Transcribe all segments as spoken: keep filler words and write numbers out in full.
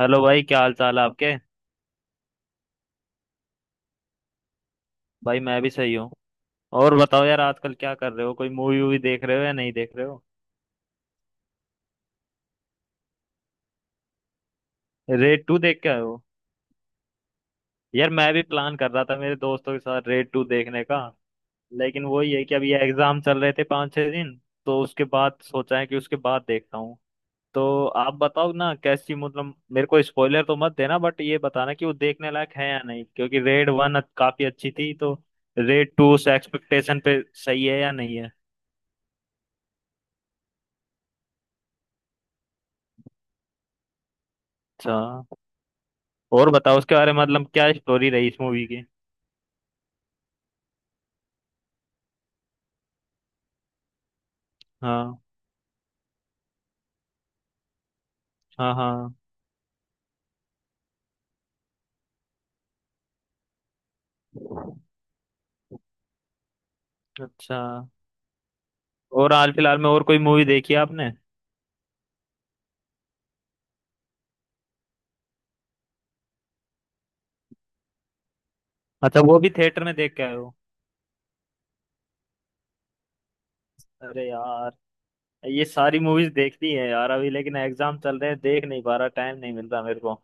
Hello भाई, क्या हाल चाल है आपके? भाई मैं भी सही हूँ। और बताओ यार, आजकल क्या कर रहे हो? कोई मूवी वूवी देख रहे हो या नहीं देख रहे हो? रेड टू देख के आए हो? यार मैं भी प्लान कर रहा था मेरे दोस्तों के साथ रेड टू देखने का। लेकिन वही है कि अभी एग्जाम चल रहे थे, पाँच छः दिन। तो उसके बाद सोचा है कि उसके बाद देखता हूँ। तो आप बताओ ना कैसी, मतलब मेरे को स्पॉइलर तो मत देना, बट ये बताना कि वो देखने लायक है या नहीं, क्योंकि रेड वन काफी अच्छी थी तो रेड टू उस एक्सपेक्टेशन पे सही है या नहीं है? अच्छा। और बताओ उसके बारे में, मतलब क्या स्टोरी रही इस मूवी की? हाँ हाँ। हाँ। अच्छा। और हाल फिलहाल में और कोई मूवी देखी है आपने? अच्छा, वो भी थिएटर में देख के आए हो? अरे यार, ये सारी मूवीज देखती है यार अभी, लेकिन एग्जाम चल रहे हैं, देख नहीं पा रहा, टाइम नहीं मिल रहा मेरे को।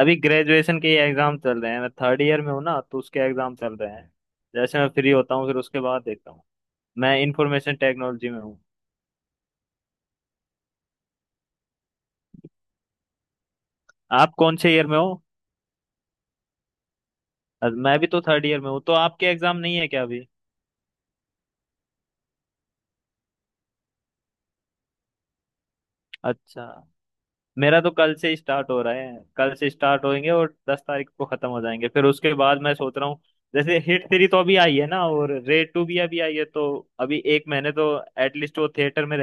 अभी ग्रेजुएशन के एग्जाम चल रहे हैं, मैं थर्ड ईयर में हूँ ना, तो उसके एग्जाम चल रहे हैं। जैसे मैं फ्री होता हूँ फिर उसके बाद देखता हूँ। मैं इंफॉर्मेशन टेक्नोलॉजी में हूँ। आप कौन से ईयर में हो? अ- मैं भी तो थर्ड ईयर में हूँ, तो आपके एग्जाम नहीं है क्या अभी? अच्छा। मेरा तो कल से स्टार्ट हो रहा है, कल से स्टार्ट होएंगे और दस तारीख को खत्म हो जाएंगे, फिर उसके बाद मैं सोच रहा हूँ। जैसे हिट थ्री तो अभी आई है ना, और रेड टू भी अभी आई है, तो अभी एक महीने तो एटलीस्ट वो थिएटर में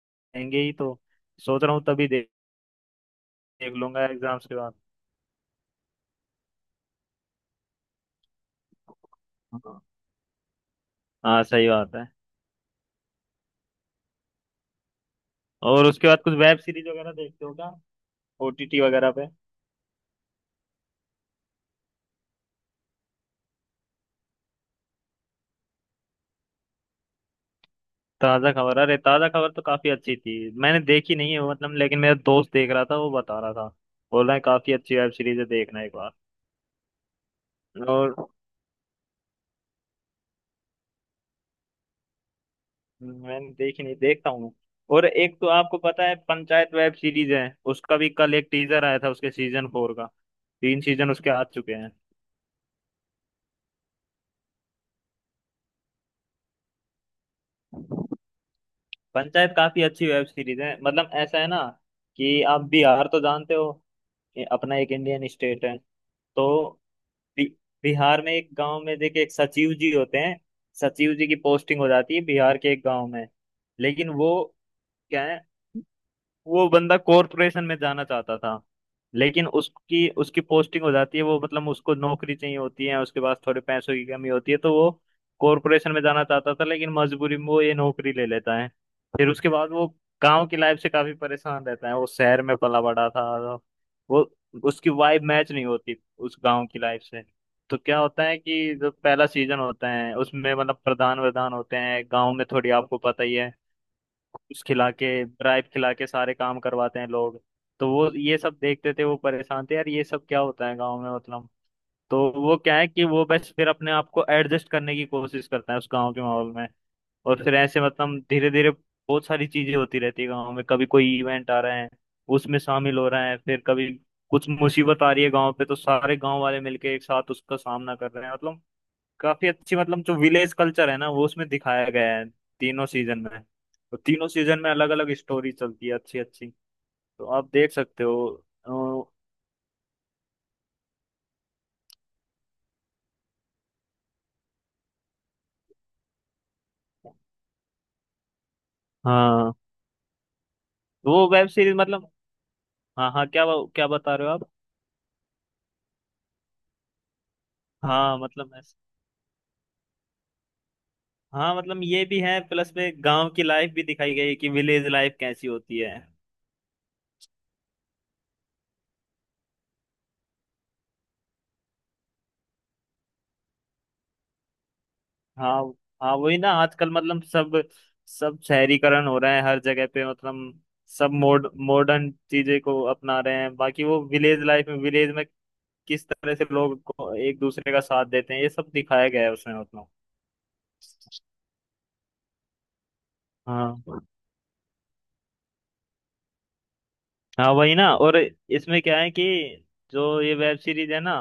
रहेंगे ही, तो सोच रहा हूँ तभी देख देख लूंगा एग्जाम्स के बाद। हाँ। हाँ, सही बात है। और उसके बाद कुछ वेब सीरीज वगैरह देखते हो क्या? ओटीटी वगैरह पे? ताज़ा खबर, अरे ताज़ा खबर तो काफी अच्छी थी। मैंने देखी नहीं है वो मतलब, लेकिन मेरा दोस्त देख रहा था, वो बता रहा था। बोल रहा है काफी अच्छी वेब सीरीज है, देखना एक बार। और मैंने देखी नहीं, देखता हूँ मैं। और एक तो आपको पता है पंचायत वेब सीरीज है। उसका भी कल एक टीजर आया था उसके सीजन फोर का। तीन सीजन उसके आ चुके हैं। पंचायत काफी अच्छी वेब सीरीज है, मतलब ऐसा है ना कि आप बिहार तो जानते हो, ये अपना एक इंडियन स्टेट है तो बि बिहार में एक गांव में देखिए एक सचिव जी होते हैं। सचिव जी की पोस्टिंग हो जाती है बिहार के एक गांव में, लेकिन वो क्या है, वो बंदा कॉरपोरेशन में जाना चाहता था, लेकिन उसकी उसकी पोस्टिंग हो जाती है, वो मतलब उसको नौकरी चाहिए होती है, उसके पास थोड़े पैसों की कमी होती है, तो वो कॉरपोरेशन में जाना चाहता था, लेकिन मजबूरी में वो ये नौकरी ले लेता है। फिर उसके बाद वो गांव की लाइफ से काफी परेशान रहता है, वो शहर में पला बड़ा था तो वो, उसकी वाइब मैच नहीं होती उस गांव की लाइफ से। तो क्या होता है कि जो पहला सीजन होता है उसमें, मतलब प्रधान वधान होते हैं गांव में, थोड़ी आपको पता ही है, घूस खिला के, ड्राइव खिला के सारे काम करवाते हैं लोग। तो वो ये सब देखते थे, वो परेशान थे यार ये सब क्या होता है गाँव में मतलब। तो वो क्या है कि वो बस फिर अपने आप को एडजस्ट करने की कोशिश करता है उस गाँव के माहौल में। और फिर ऐसे, मतलब धीरे धीरे बहुत सारी चीजें होती रहती है गाँव में, कभी कोई इवेंट आ रहे हैं उसमें शामिल हो रहे हैं, फिर कभी कुछ मुसीबत आ रही है गाँव पे तो सारे गाँव वाले मिलके एक साथ उसका सामना कर रहे हैं मतलब। काफी अच्छी, मतलब जो विलेज कल्चर है ना, वो उसमें दिखाया गया है तीनों सीजन में। तो तीनों सीजन में अलग अलग स्टोरी चलती है अच्छी अच्छी, तो आप देख सकते हो। अ, हाँ। तो वो वेब सीरीज मतलब, हाँ हाँ क्या, क्या बता रहे हो आप? हाँ मतलब ऐस- हाँ मतलब ये भी है, प्लस में गांव की लाइफ भी दिखाई गई है कि विलेज लाइफ कैसी होती है। हाँ हाँ वही ना, आजकल मतलब सब सब शहरीकरण हो रहा है हर जगह पे मतलब, सब मोड मॉडर्न चीजें को अपना रहे हैं, बाकी वो विलेज लाइफ में, विलेज में किस तरह से लोग को एक दूसरे का साथ देते हैं, ये सब दिखाया गया है उसमें मतलब। हाँ हाँ वही ना, और इसमें क्या है कि जो ये वेब सीरीज है ना,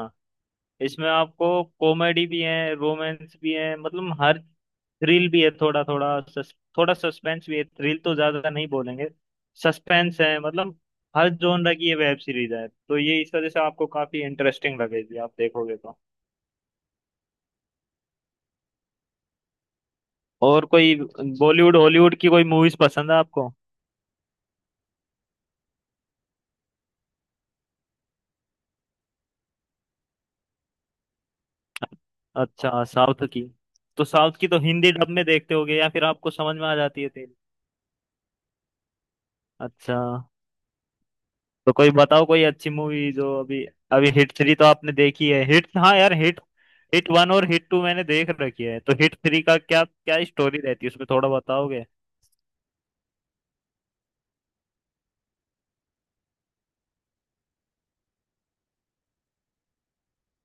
इसमें आपको कॉमेडी भी है, रोमांस भी है, मतलब हर, थ्रिल भी है थोड़ा थोड़ा, सस, थोड़ा सस्पेंस भी है, थ्रिल तो ज्यादा नहीं बोलेंगे, सस्पेंस है मतलब, हर जॉनर की ये वेब सीरीज है, तो ये इस वजह से आपको काफी इंटरेस्टिंग लगेगी आप देखोगे तो। और कोई बॉलीवुड हॉलीवुड की कोई मूवीज पसंद है आपको? अच्छा साउथ की, तो साउथ की तो हिंदी डब में देखते होगे या फिर आपको समझ में आ जाती है तेरी? अच्छा। तो कोई बताओ कोई अच्छी मूवी जो अभी, अभी हिट थ्री तो आपने देखी है हिट, हाँ यार हिट, हिट वन और हिट टू मैंने देख रखी है, तो हिट थ्री का क्या क्या स्टोरी रहती है उसमें, थोड़ा बताओगे?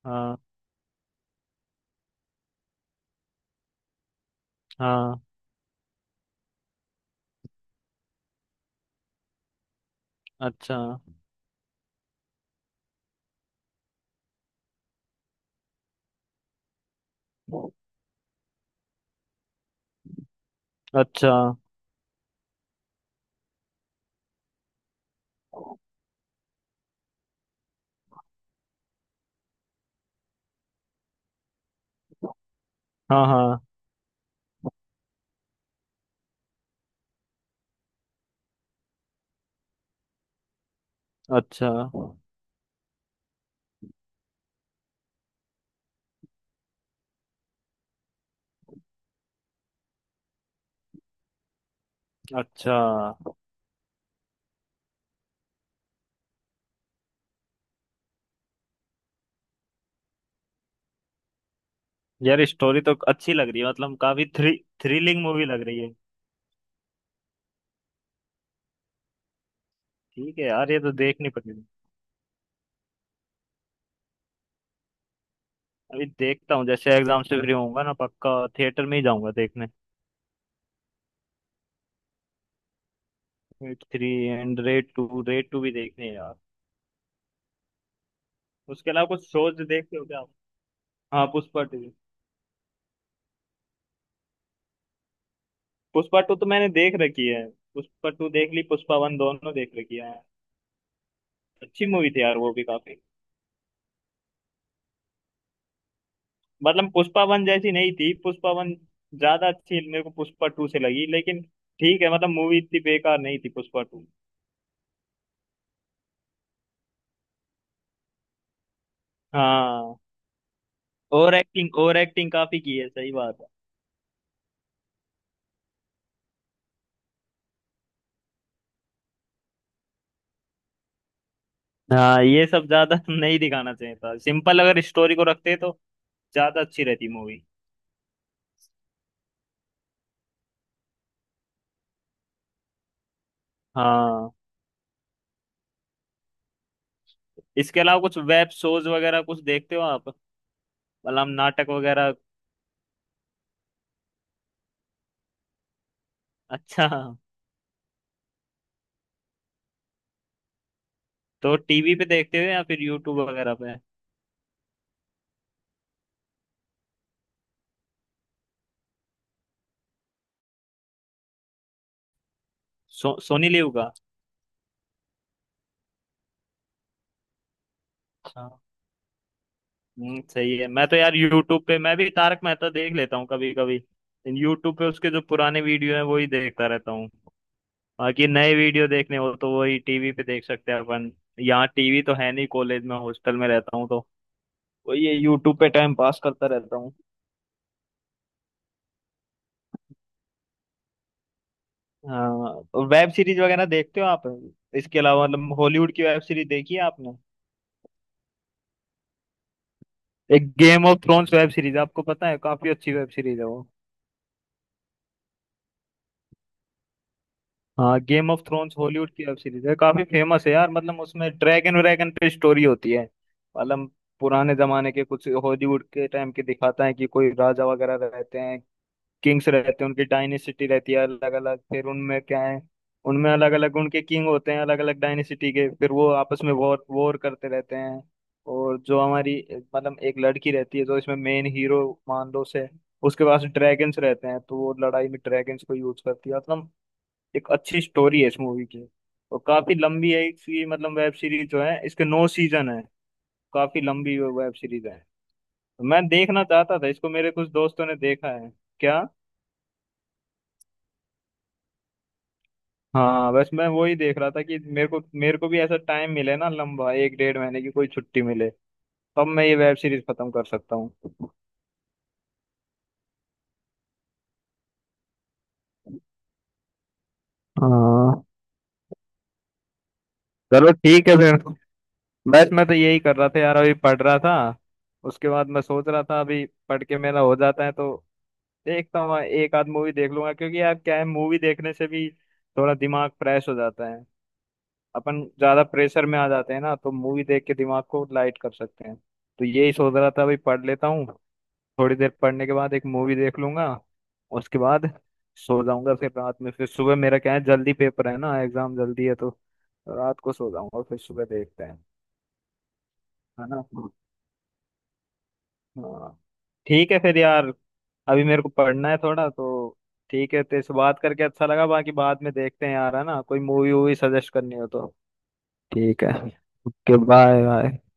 हाँ हाँ। अच्छा। अच्छा। हाँ हाँ। अच्छा। अच्छा। यार स्टोरी तो अच्छी लग रही है, मतलब काफी थ्री थ्रिलिंग मूवी लग रही है। ठीक है यार, ये तो देखनी पड़ेगी। अभी देखता हूँ, जैसे एग्जाम से फ्री होऊंगा ना, पक्का थिएटर में ही जाऊंगा देखने। Raid three and Raid two, Raid two भी देखने हैं यार। उसके अलावा कुछ शोज देखते हो क्या आप? हाँ पुष्पा टू, पुष्पा टू तो मैंने देख रखी है, पुष्पा टू देख ली, पुष्पा वन, दोनों देख रखी है। अच्छी मूवी थी यार वो भी काफी, मतलब पुष्पा वन जैसी नहीं थी, पुष्पा वन ज्यादा अच्छी मेरे को पुष्पा टू से लगी, लेकिन ठीक है, मतलब मूवी इतनी बेकार नहीं थी पुष्पा टू। हाँ। ओवर एक्टिंग, ओवर एक्टिंग काफी की है, सही बात है। हाँ, ये सब ज्यादा नहीं दिखाना चाहिए था, सिंपल अगर स्टोरी को रखते तो ज्यादा अच्छी रहती मूवी। हाँ। इसके अलावा कुछ वेब शोज वगैरह कुछ देखते हो आप, मतलब नाटक वगैरह? अच्छा। तो टीवी पे देखते हो या फिर यूट्यूब वगैरह पे? सो, सोनी लिव का? अच्छा। हम्म, सही है, मैं तो यार यूट्यूब पे मैं भी तारक मेहता देख लेता हूँ कभी कभी। यूट्यूब पे उसके जो पुराने वीडियो हैं वो ही देखता रहता हूँ। बाकी नए वीडियो देखने हो तो वही टीवी पे देख सकते हैं अपन, यहाँ टीवी तो है नहीं, कॉलेज में हॉस्टल में रहता हूँ तो वही यूट्यूब पे टाइम पास करता रहता हूँ। हाँ, तो वेब सीरीज वगैरह देखते हो आप? इसके अलावा मतलब हॉलीवुड की वेब सीरीज देखी है आपने? एक Game of Thrones web series आपको पता है, काफी अच्छी वेब सीरीज है वो। हाँ, गेम ऑफ थ्रोन्स हॉलीवुड की वेब सीरीज है, काफी फेमस है यार, मतलब उसमें ड्रैगन व्रैगन पे स्टोरी होती है मतलब, पुराने जमाने के कुछ हॉलीवुड के टाइम के दिखाता है कि कोई राजा वगैरह रहते हैं, किंग्स रहते हैं, उनकी डायनेसिटी रहती है अलग अलग, फिर उनमें क्या है, उनमें अलग अलग उनके किंग होते हैं अलग अलग डायनेसिटी के, फिर वो आपस में वॉर वॉर करते रहते हैं। और जो हमारी, मतलब एक लड़की रहती है जो इसमें मेन हीरो मान लो से, उसके पास ड्रैगन्स रहते हैं, तो वो लड़ाई में ड्रैगन्स को यूज करती है मतलब, एक अच्छी स्टोरी है इस मूवी की। और काफी लंबी है इसकी, मतलब वेब सीरीज जो है इसके नौ सीजन है, काफी लंबी वेब सीरीज है। मैं देखना चाहता था इसको, मेरे कुछ दोस्तों ने देखा है। क्या? हाँ बस मैं वही देख रहा था कि मेरे को मेरे को भी ऐसा टाइम मिले ना, लंबा एक डेढ़ महीने की कोई छुट्टी मिले, तब मैं ये वेब सीरीज खत्म कर सकता हूँ। हाँ। चलो ठीक है फिर। बस मैं तो यही कर रहा था यार, अभी पढ़ रहा था, उसके बाद मैं सोच रहा था, अभी पढ़ के मेरा हो जाता है तो देखता हूँ, एक आध मूवी देख लूंगा, क्योंकि यार क्या है, मूवी देखने से भी थोड़ा दिमाग फ्रेश हो जाता है, अपन ज्यादा प्रेशर में आ जाते हैं ना तो मूवी देख के दिमाग को लाइट कर सकते हैं। तो यही सोच रहा था, अभी पढ़ लेता हूँ, थोड़ी देर पढ़ने के बाद एक मूवी देख लूंगा, उसके बाद सो जाऊंगा फिर रात में, फिर सुबह मेरा क्या है, जल्दी पेपर है ना, एग्जाम जल्दी है, तो रात को सो जाऊंगा फिर सुबह देखते हैं। है ना। हाँ। ठीक है फिर यार। अभी मेरे को पढ़ना है थोड़ा, तो ठीक है, तेरे से बात करके अच्छा लगा, बाकी बाद में देखते हैं यार, है ना, कोई मूवी वूवी सजेस्ट करनी हो तो। ठीक है। Okay, bye bye.